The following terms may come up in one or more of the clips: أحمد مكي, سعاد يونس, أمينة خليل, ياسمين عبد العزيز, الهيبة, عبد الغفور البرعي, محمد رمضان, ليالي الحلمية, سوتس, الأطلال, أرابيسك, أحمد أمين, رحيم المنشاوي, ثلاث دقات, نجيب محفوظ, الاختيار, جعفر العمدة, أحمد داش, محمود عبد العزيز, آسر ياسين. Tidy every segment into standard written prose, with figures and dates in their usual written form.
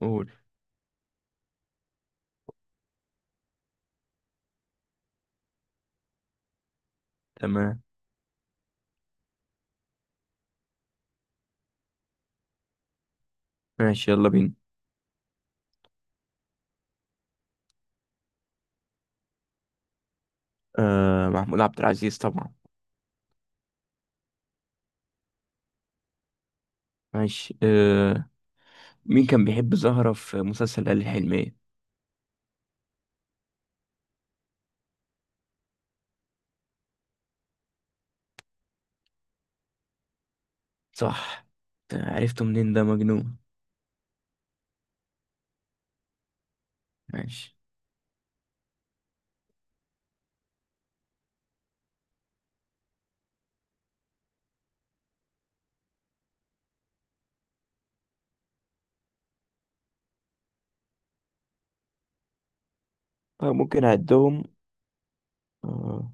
قول. تمام. ماشي، يلا بينا. آه محمود عبد العزيز طبعا. ماشي. مين كان بيحب زهرة في مسلسل ليالي الحلمية؟ صح. عرفته منين ده مجنون؟ ماشي. طيب ممكن أعدهم. آه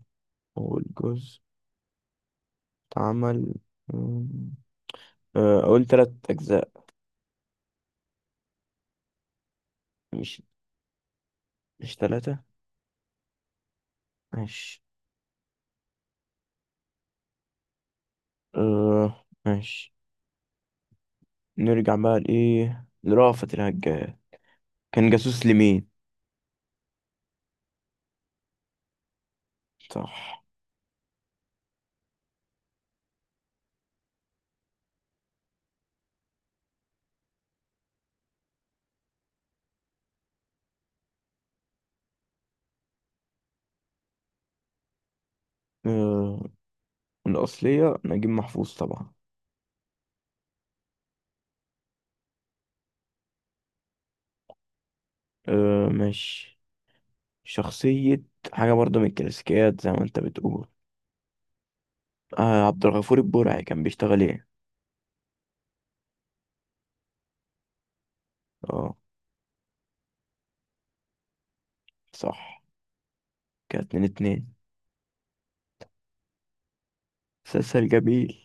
أول جزء اتعمل. مم، آه أقول تلات أجزاء. مش مش تلاتة. ماشي. آه ماشي. نرجع بقى لرأفت الهجان. كان جاسوس لمين؟ صح. آه الأصلية نجيب محفوظ طبعا. أه ماشي. شخصية، حاجة برضه من الكلاسيكيات زي ما انت بتقول. آه عبد الغفور البرعي كان بيشتغل ايه؟ اه صح. كده اتنين اتنين. مسلسل جميل.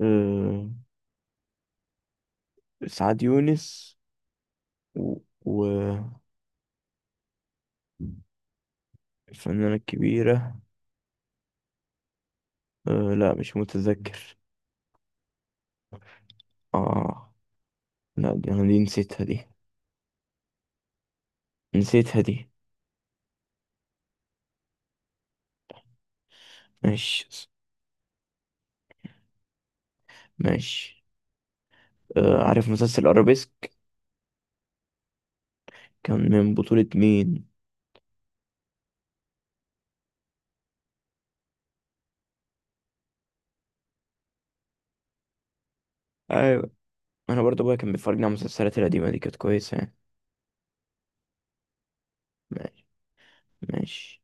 أه سعاد يونس و... و- الفنانة الكبيرة، أه لا مش متذكر. اه لا دي انا، نسيتها دي، نسيتها دي. ماشي. ماشي. أه عارف مسلسل ارابيسك؟ كان من بطولة مين؟ ايوه، انا برضه ابويا كان بيفرجني على المسلسلات القديمة دي كانت كويسة يعني. ماشي. ماشي.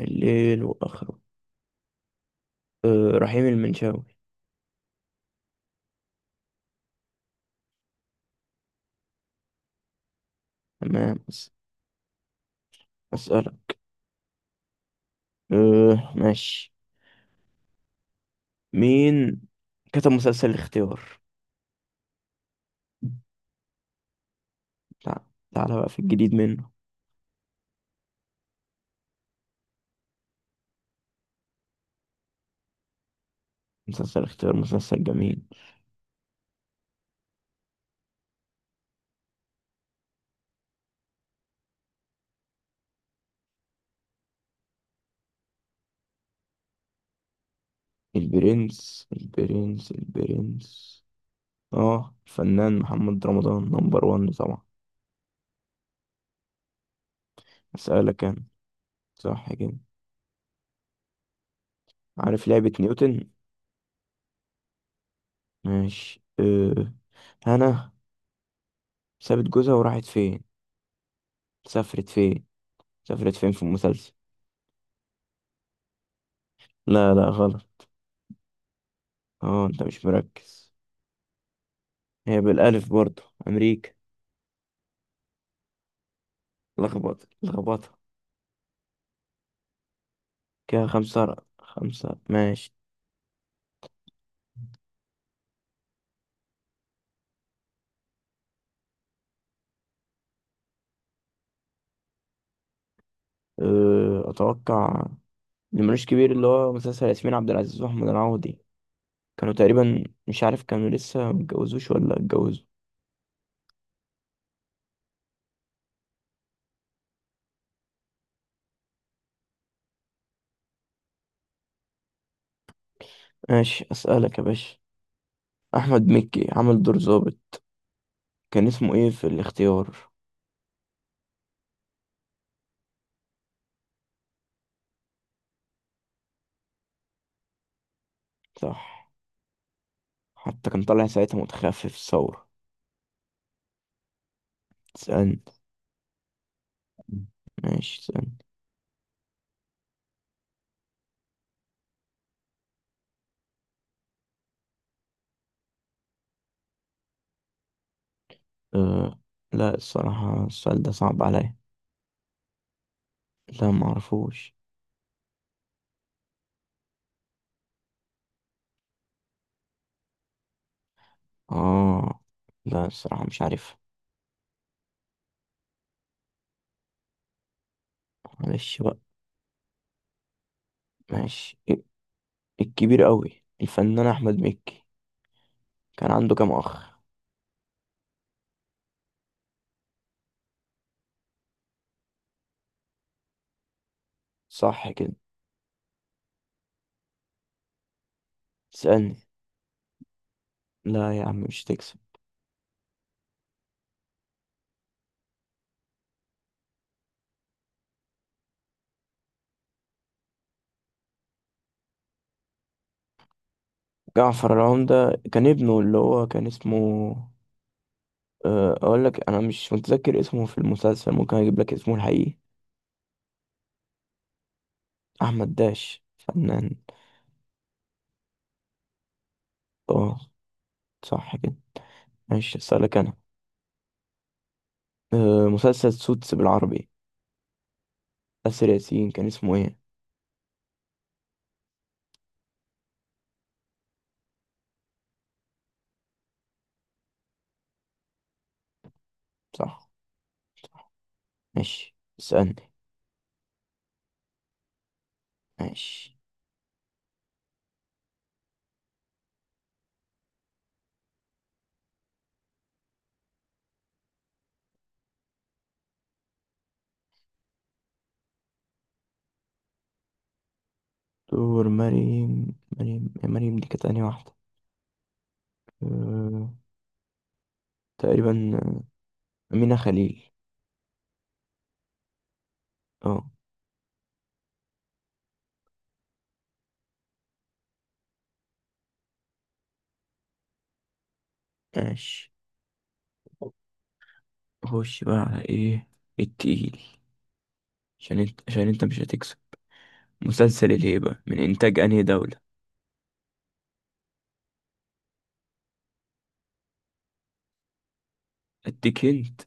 الليل وآخره، أه رحيم المنشاوي. تمام. أسألك. أه ماشي. مين كتب مسلسل الاختيار؟ تع- تعالى بقى في الجديد منه. مسلسل اختيار مسلسل جميل. البرنس، اه الفنان محمد رمضان نمبر وان طبعا. أسألك أنا. صح كده. عارف لعبة نيوتن؟ ماشي. أه هنا سابت جوزها وراحت فين؟ سافرت فين؟ سافرت فين في المسلسل؟ لا غلط. اه انت مش مركز. هي بالالف برضو، امريكا. لخبط لخبطة. كده خمسة خمسة ماشي. أه، اتوقع اللي ملوش كبير اللي هو مسلسل ياسمين عبد العزيز واحمد العوضي. كانوا تقريبا مش عارف كانوا لسه متجوزوش ولا اتجوزوا. ماشي. اسألك يا باشا. احمد مكي عمل دور ظابط، كان اسمه ايه في الاختيار؟ صح. حتى كان طالع ساعتها متخفف الثورة. تسألني. ماشي. أه لا الصراحة السؤال ده صعب عليا. لا معرفوش. اه لا الصراحة مش عارف. معلش بقى. ماشي. الكبير قوي الفنان أحمد مكي كان عنده كام أخ؟ صح كده. تسألني. لا يا عم مش تكسب. جعفر العمدة كان ابنه اللي هو كان اسمه، أه أقول لك أنا مش متذكر اسمه في المسلسل، ممكن أجيب لك اسمه الحقيقي أحمد داش فنان. اه صح كده. ماشي أسألك أنا. أه مسلسل سوتس بالعربي، آسر ياسين كان اسمه ايه؟ صح. ماشي اسألني. ماشي. دور مريم مريم دي كانت أنهي واحدة؟ أه... تقريبا أمينة خليل. اه. ماشي. خش بقى على ايه التقيل عشان انت مش هتكسب. مسلسل الهيبة من انتاج انهي دولة؟ اديك هنت.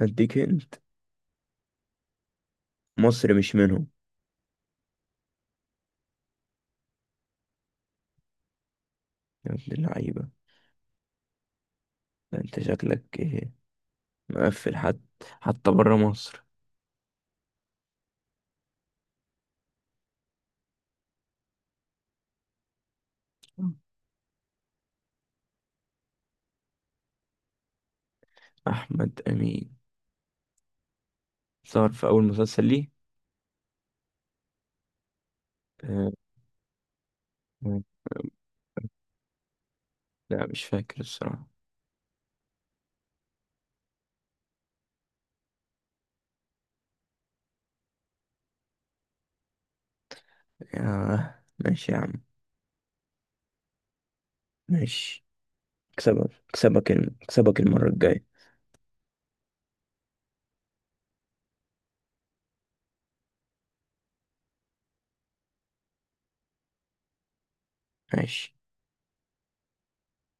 اديك هنت. مصر مش منهم. يا ابن اللعيبة. ده انت شكلك ايه، مقفل حد. حتى برا مصر. احمد امين ظهر في اول مسلسل ليه، آه، آه، لا مش فاكر الصراحة. يا ماشي يا عم. ماشي. اكسبك المرة الجاية. ماشي.